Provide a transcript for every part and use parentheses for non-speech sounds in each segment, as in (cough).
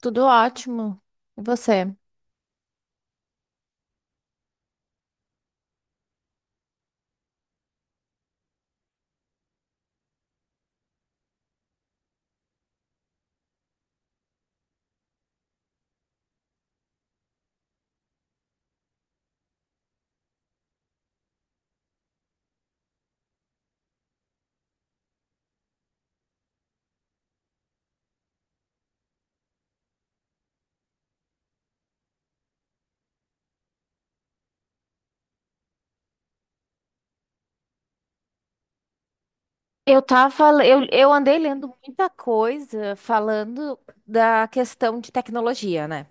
Tudo ótimo. E você? Eu tava, le- eu andei lendo muita coisa falando da questão de tecnologia, né?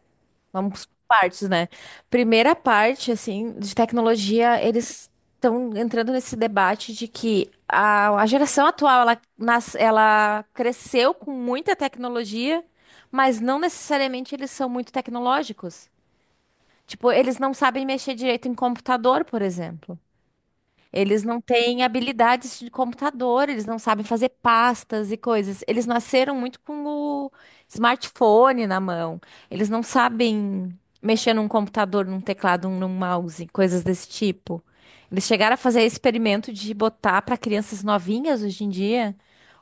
Vamos por partes, né? Primeira parte, assim, de tecnologia, eles estão entrando nesse debate de que a geração atual, ela cresceu com muita tecnologia, mas não necessariamente eles são muito tecnológicos. Tipo, eles não sabem mexer direito em computador, por exemplo. Eles não têm habilidades de computador, eles não sabem fazer pastas e coisas. Eles nasceram muito com o smartphone na mão. Eles não sabem mexer num computador, num teclado, num mouse, coisas desse tipo. Eles chegaram a fazer experimento de botar para crianças novinhas hoje em dia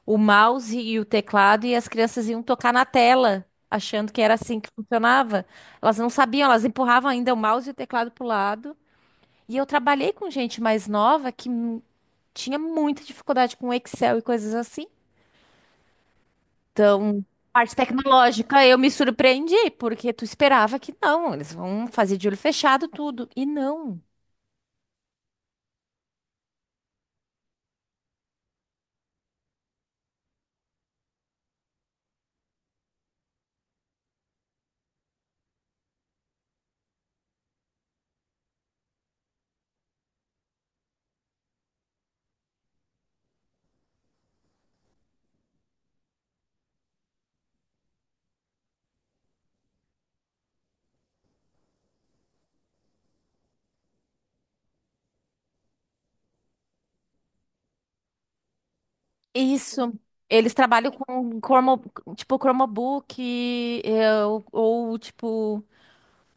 o mouse e o teclado, e as crianças iam tocar na tela, achando que era assim que funcionava. Elas não sabiam, elas empurravam ainda o mouse e o teclado para o lado. E eu trabalhei com gente mais nova que tinha muita dificuldade com Excel e coisas assim. Então, parte tecnológica, eu me surpreendi, porque tu esperava que não, eles vão fazer de olho fechado tudo. E não. Isso. Eles trabalham com cromo, tipo Chromebook, ou tipo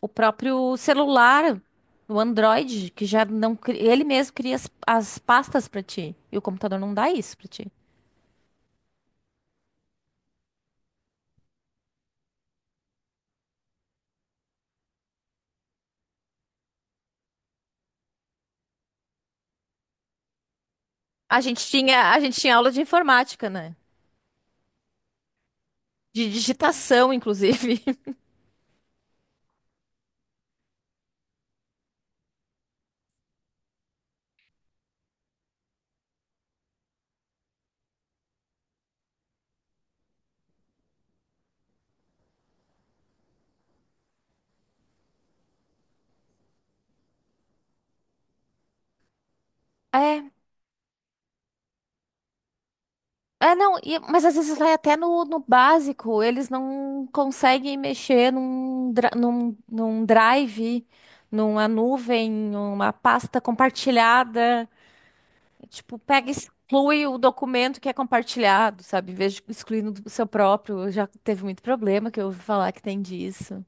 o próprio celular, o Android, que já não cri- ele mesmo cria as pastas pra ti. E o computador não dá isso pra ti. A gente tinha aula de informática, né? De digitação, inclusive. (laughs) É, é não, e- Mas às vezes vai até no básico, eles não conseguem mexer num drive, numa nuvem, numa pasta compartilhada. Tipo, pega e exclui o documento que é compartilhado, sabe? Em vez de excluir no do seu próprio. Já teve muito problema que eu ouvi falar que tem disso.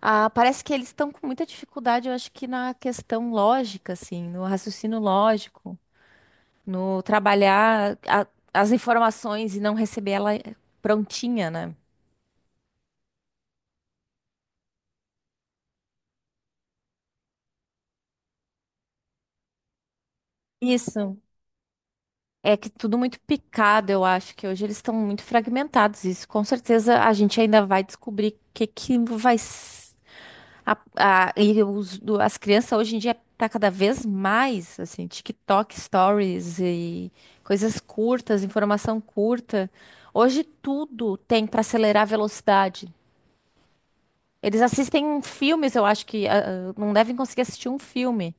Ah, parece que eles estão com muita dificuldade, eu acho que na questão lógica, assim, no raciocínio lógico, no trabalhar as informações e não receber ela prontinha, né? Isso. É que tudo muito picado, eu acho que hoje eles estão muito fragmentados. Isso com certeza a gente ainda vai descobrir o que que vai. As crianças hoje em dia tá cada vez mais, assim, TikTok, Stories e coisas curtas, informação curta. Hoje tudo tem para acelerar a velocidade. Eles assistem filmes, eu acho que não devem conseguir assistir um filme.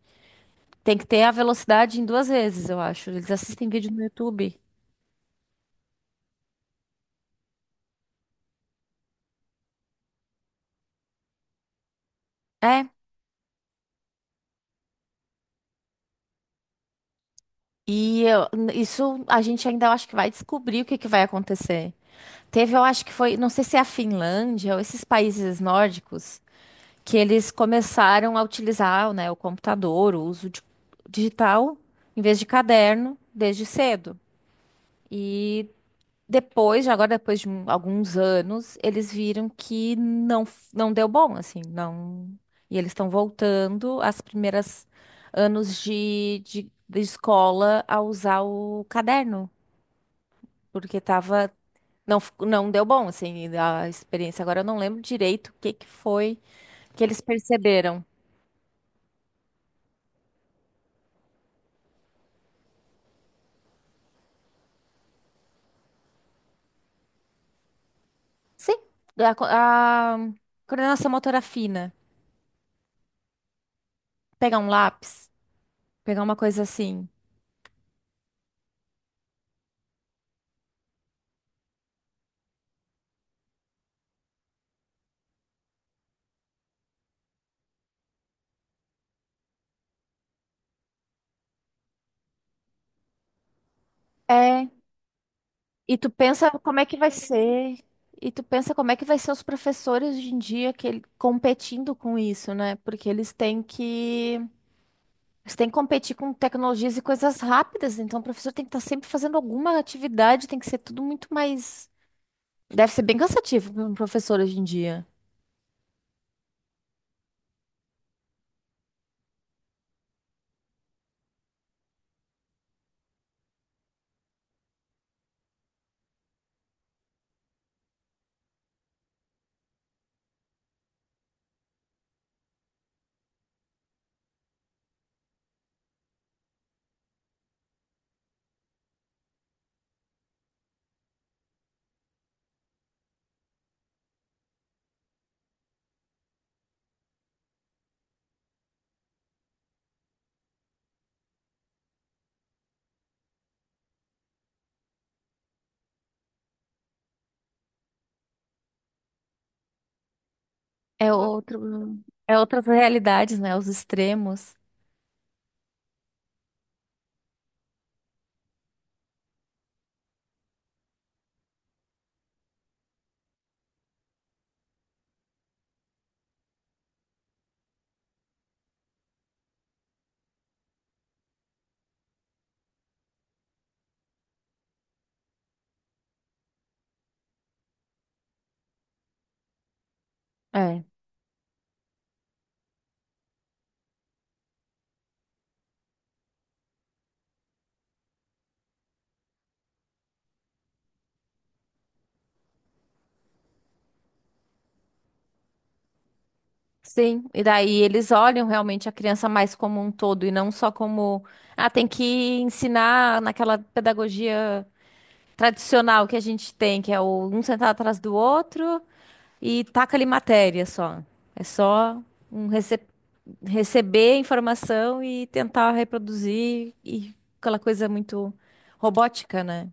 Tem que ter a velocidade em duas vezes, eu acho. Eles assistem vídeo no YouTube. É. Isso a gente ainda eu acho que vai descobrir o que que vai acontecer. Teve, eu acho que foi, não sei se é a Finlândia ou esses países nórdicos que eles começaram a utilizar, né, o computador, digital, em vez de caderno, desde cedo. E depois, já agora depois de alguns anos, eles viram que não, não deu bom, assim, não. E eles estão voltando às primeiras anos de escola a usar o caderno, porque tava, não, não deu bom, assim, a experiência. Agora eu não lembro direito o que que foi que eles perceberam. Sim. A coordenação motora fina. Pegar um lápis, pegar uma coisa assim. É, E tu pensa como é que vai ser. E tu pensa como é que vai ser os professores hoje em dia que competindo com isso, né? Porque eles têm que competir com tecnologias e coisas rápidas, então o professor tem que estar sempre fazendo alguma atividade, tem que ser tudo muito mais, deve ser bem cansativo para um professor hoje em dia. É outro é outras realidades, né? Os extremos. É. Sim, e daí eles olham realmente a criança mais como um todo e não só como, ah, tem que ensinar naquela pedagogia tradicional que a gente tem, que é o um sentado atrás do outro e taca ali matéria só. É só um rece- receber informação e tentar reproduzir e aquela coisa muito robótica, né?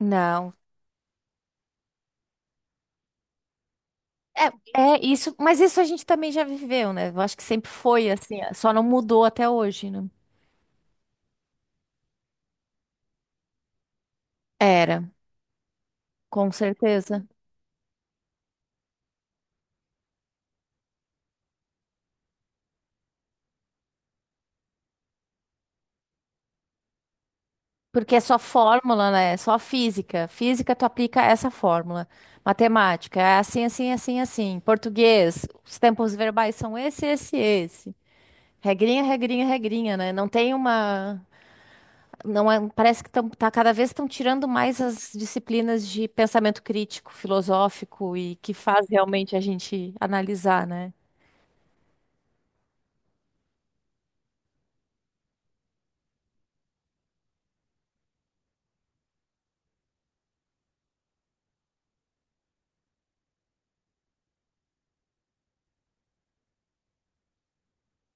Não. É, é isso, mas isso a gente também já viveu, né? Eu acho que sempre foi assim, só não mudou até hoje, né? Era. Com certeza. Porque é só fórmula, né? É só física. Física, tu aplica essa fórmula. Matemática, é assim, assim, assim, assim. Português, os tempos verbais são esse, esse, esse. Regrinha, regrinha, regrinha, né? Não tem uma. Não é- Parece que tá, cada vez estão tirando mais as disciplinas de pensamento crítico, filosófico e que faz realmente a gente analisar, né?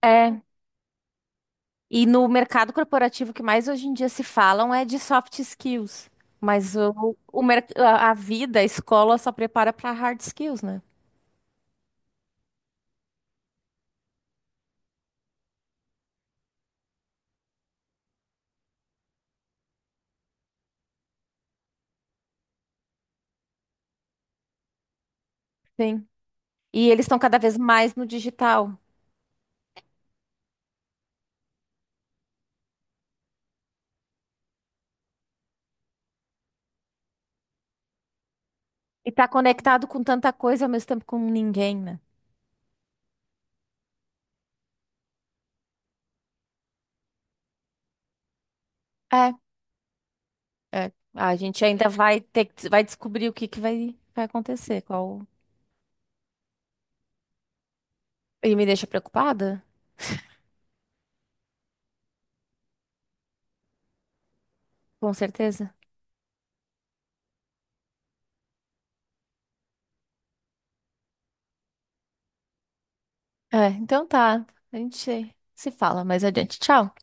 É. E no mercado corporativo, o que mais hoje em dia se falam é de soft skills. Mas o mer- a vida, a escola só prepara para hard skills, né? Sim. E eles estão cada vez mais no digital. E tá conectado com tanta coisa ao mesmo tempo com ninguém, né? É, é. A gente ainda vai ter, vai descobrir o que que vai, vai acontecer. Qual... E me deixa preocupada? Com certeza. É, então tá. A gente se fala mais adiante. Tchau.